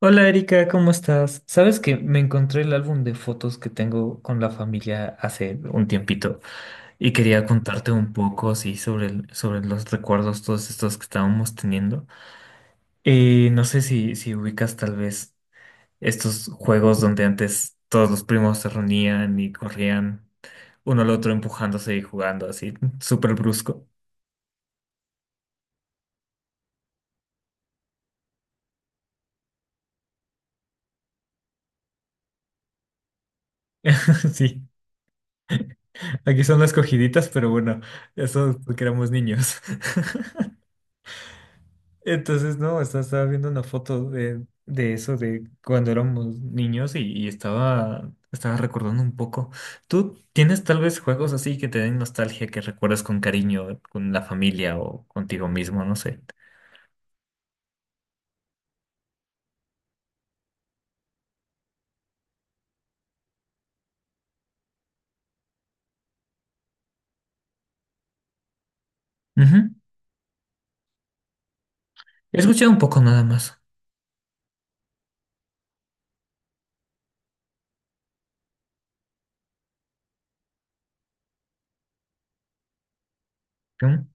Hola Erika, ¿cómo estás? Sabes que me encontré el álbum de fotos que tengo con la familia hace un tiempito y quería contarte un poco así sobre, sobre los recuerdos, todos estos que estábamos teniendo. No sé si ubicas tal vez estos juegos donde antes todos los primos se reunían y corrían uno al otro empujándose y jugando así, súper brusco. Sí, aquí son las cogiditas, pero bueno, eso es porque éramos niños. Entonces, no, estaba viendo una foto de eso, de cuando éramos niños y estaba recordando un poco. ¿Tú tienes tal vez juegos así que te den nostalgia, que recuerdas con cariño, con la familia o contigo mismo? No sé. Ujú. He escuchado un poco nada más. ¿Mm?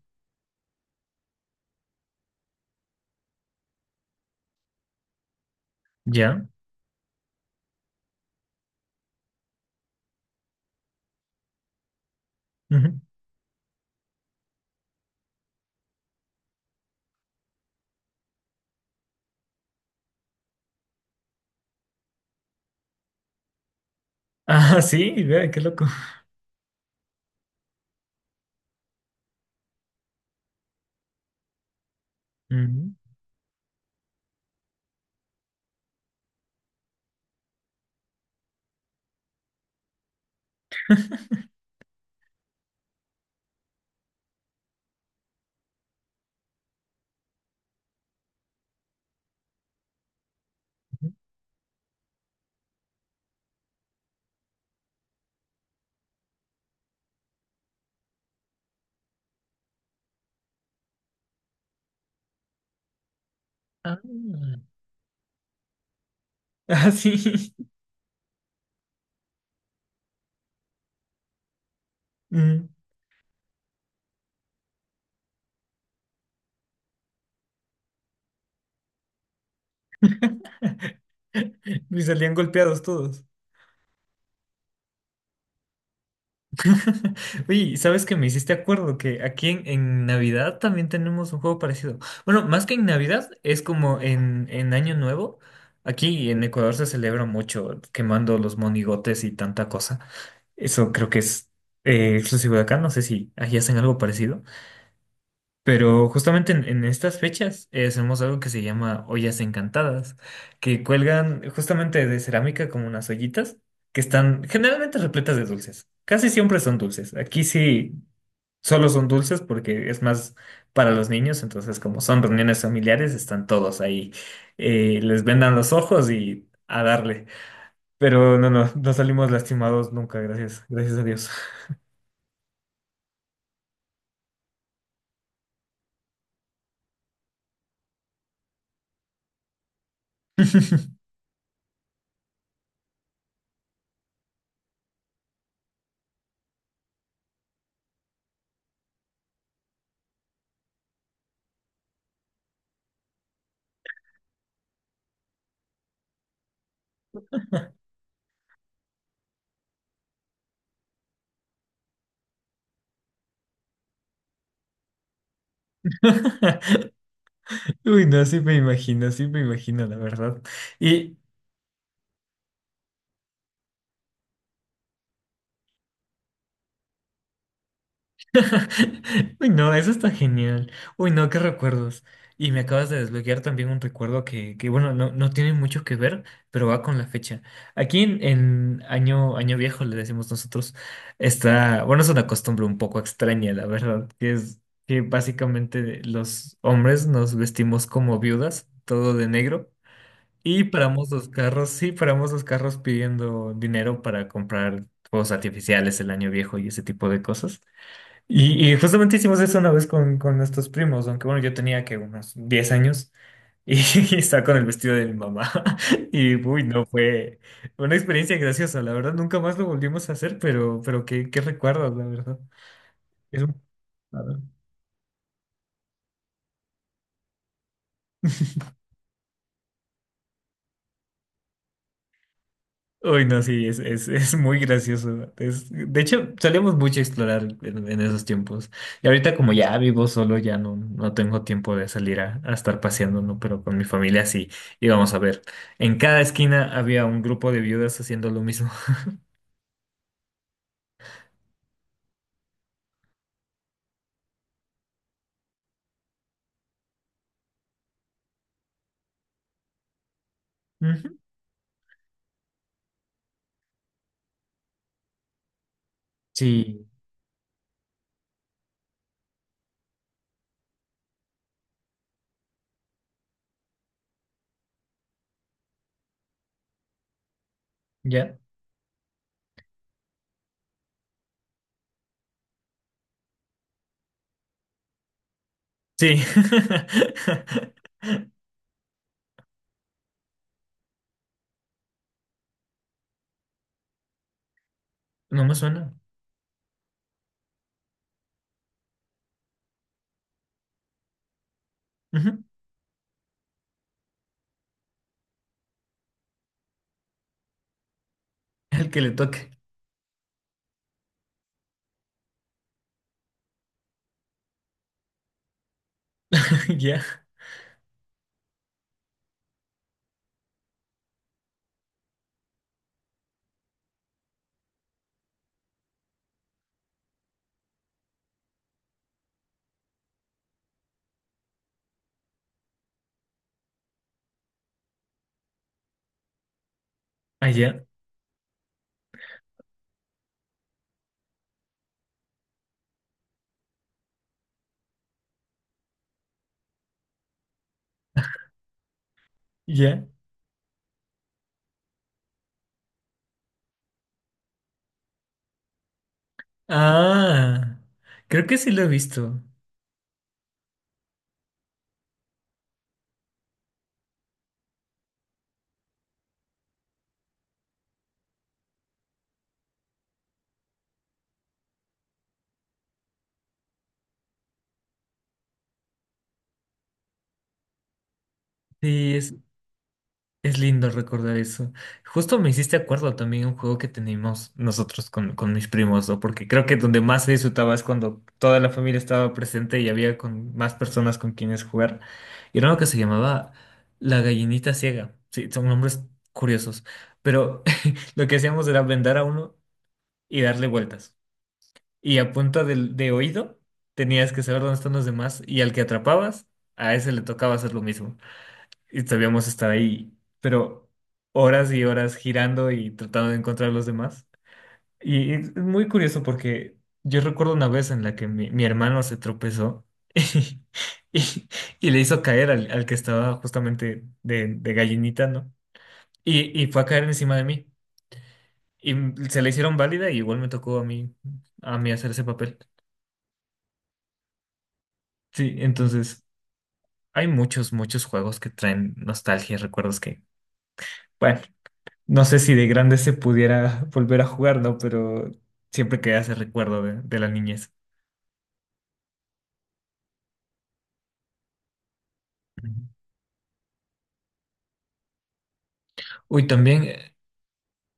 ¿Ya? Ujú. Ah, sí, vea, qué loco. Ujú. Ah, ah, sí. Mm. Y salían golpeados todos. Oye, ¿y ¿sabes que me hiciste acuerdo? Que aquí en Navidad también tenemos un juego parecido. Bueno, más que en Navidad, es como en Año Nuevo. Aquí en Ecuador se celebra mucho quemando los monigotes y tanta cosa. Eso creo que es exclusivo de acá. No sé si allí hacen algo parecido. Pero justamente en estas fechas hacemos algo que se llama ollas encantadas, que cuelgan justamente de cerámica como unas ollitas que están generalmente repletas de dulces. Casi siempre son dulces. Aquí sí solo son dulces porque es más para los niños, entonces como son reuniones familiares, están todos ahí. Les vendan los ojos y a darle. Pero no salimos lastimados nunca, gracias a Dios. Uy, no, sí me imagino, la verdad. Y, uy, no, eso está genial. Uy, no, qué recuerdos. Y me acabas de desbloquear también un recuerdo que bueno, no, no tiene mucho que ver, pero va con la fecha. Aquí año viejo, le decimos nosotros, está, bueno, es una costumbre un poco extraña, la verdad, que básicamente los hombres nos vestimos como viudas, todo de negro. Y paramos los carros, sí, paramos los carros pidiendo dinero para comprar fuegos artificiales, el año viejo y ese tipo de cosas. Y justamente hicimos eso una vez con nuestros primos, aunque bueno, yo tenía que unos 10 años y, y estaba con el vestido de mi mamá. Y uy, no, fue una experiencia graciosa, la verdad, nunca más lo volvimos a hacer, pero qué, qué recuerdos, la verdad. Es un- Uy, no, sí, es muy gracioso. De hecho, solíamos mucho explorar en esos tiempos. Y ahorita como ya vivo solo, ya no, no tengo tiempo de salir a estar paseando, ¿no? Pero con mi familia sí íbamos a ver. En cada esquina había un grupo de viudas haciendo lo mismo. Ujú. Sí, ya. Sí. No me suena. Ujú. El que le toque. Ya. Allá. Ya. Ah, creo que sí lo he visto. Sí, es lindo recordar eso. Justo me hiciste acuerdo también a un juego que teníamos nosotros con mis primos, ¿no? Porque creo que donde más se disfrutaba es cuando toda la familia estaba presente y había con más personas con quienes jugar. Y era uno que se llamaba La Gallinita Ciega. Sí, son nombres curiosos. Pero lo que hacíamos era vendar a uno y darle vueltas. Y a punta oído tenías que saber dónde están los demás y al que atrapabas, a ese le tocaba hacer lo mismo y sabíamos estar ahí, pero horas y horas girando y tratando de encontrar a los demás. Y es muy curioso porque yo recuerdo una vez en la que mi hermano se tropezó y, y- y le hizo caer al que estaba justamente de gallinita, ¿no? Y fue a caer encima de mí. Y se le hicieron válida y igual me tocó a mí hacer ese papel. Sí, entonces hay muchos, muchos juegos que traen nostalgia y recuerdos que, bueno. No sé si de grande se pudiera volver a jugar, ¿no? Pero siempre queda ese recuerdo de la niñez. Ujú. Uy, también,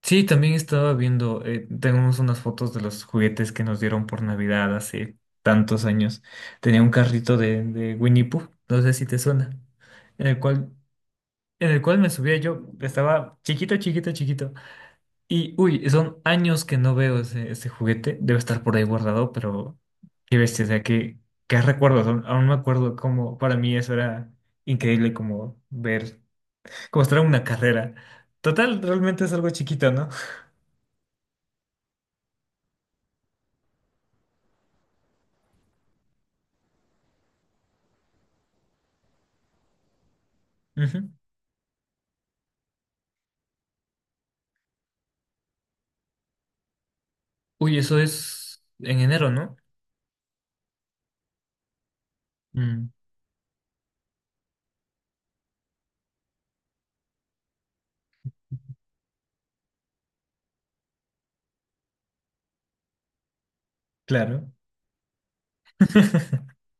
sí, también estaba viendo, tenemos unas fotos de los juguetes que nos dieron por Navidad hace tantos años. Tenía un carrito de Winnie Pooh, no sé si te suena, en el cual, en el cual me subía yo, estaba chiquito, chiquito, chiquito. Y, uy, son años que no veo ese juguete, debe estar por ahí guardado, pero... Qué bestia, o sea, qué, qué recuerdos. Aún me acuerdo cómo para mí eso era increíble, como ver, como estar en una carrera. Total, realmente es algo chiquito, ¿no? Ujú. Uy, eso es en enero, ¿no? Mm, claro.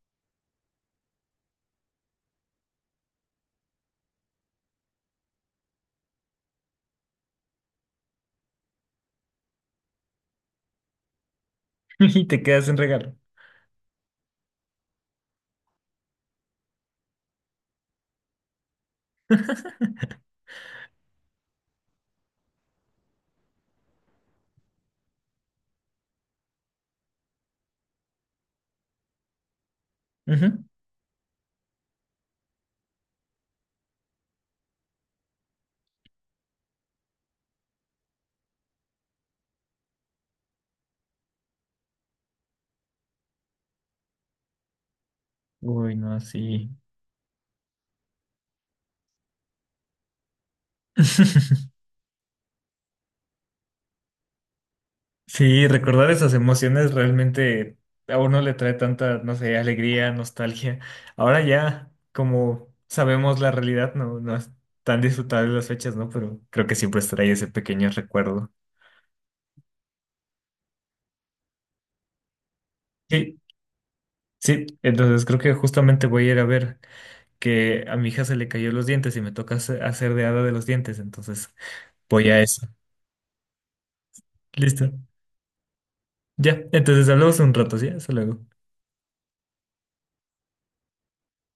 Y te quedas en regalo. Ujú. Uy, no, sí. Sí, recordar esas emociones realmente a uno le trae tanta, no sé, alegría, nostalgia. Ahora ya, como sabemos la realidad, no, no es tan disfrutable las fechas, ¿no? Pero creo que siempre trae ese pequeño recuerdo. Sí, sí, entonces creo que justamente voy a ir a ver que a mi hija se le cayó los dientes y me toca hacer de hada de los dientes, entonces voy a eso. Listo. Ya, entonces hablamos un rato, ¿sí? Hasta luego.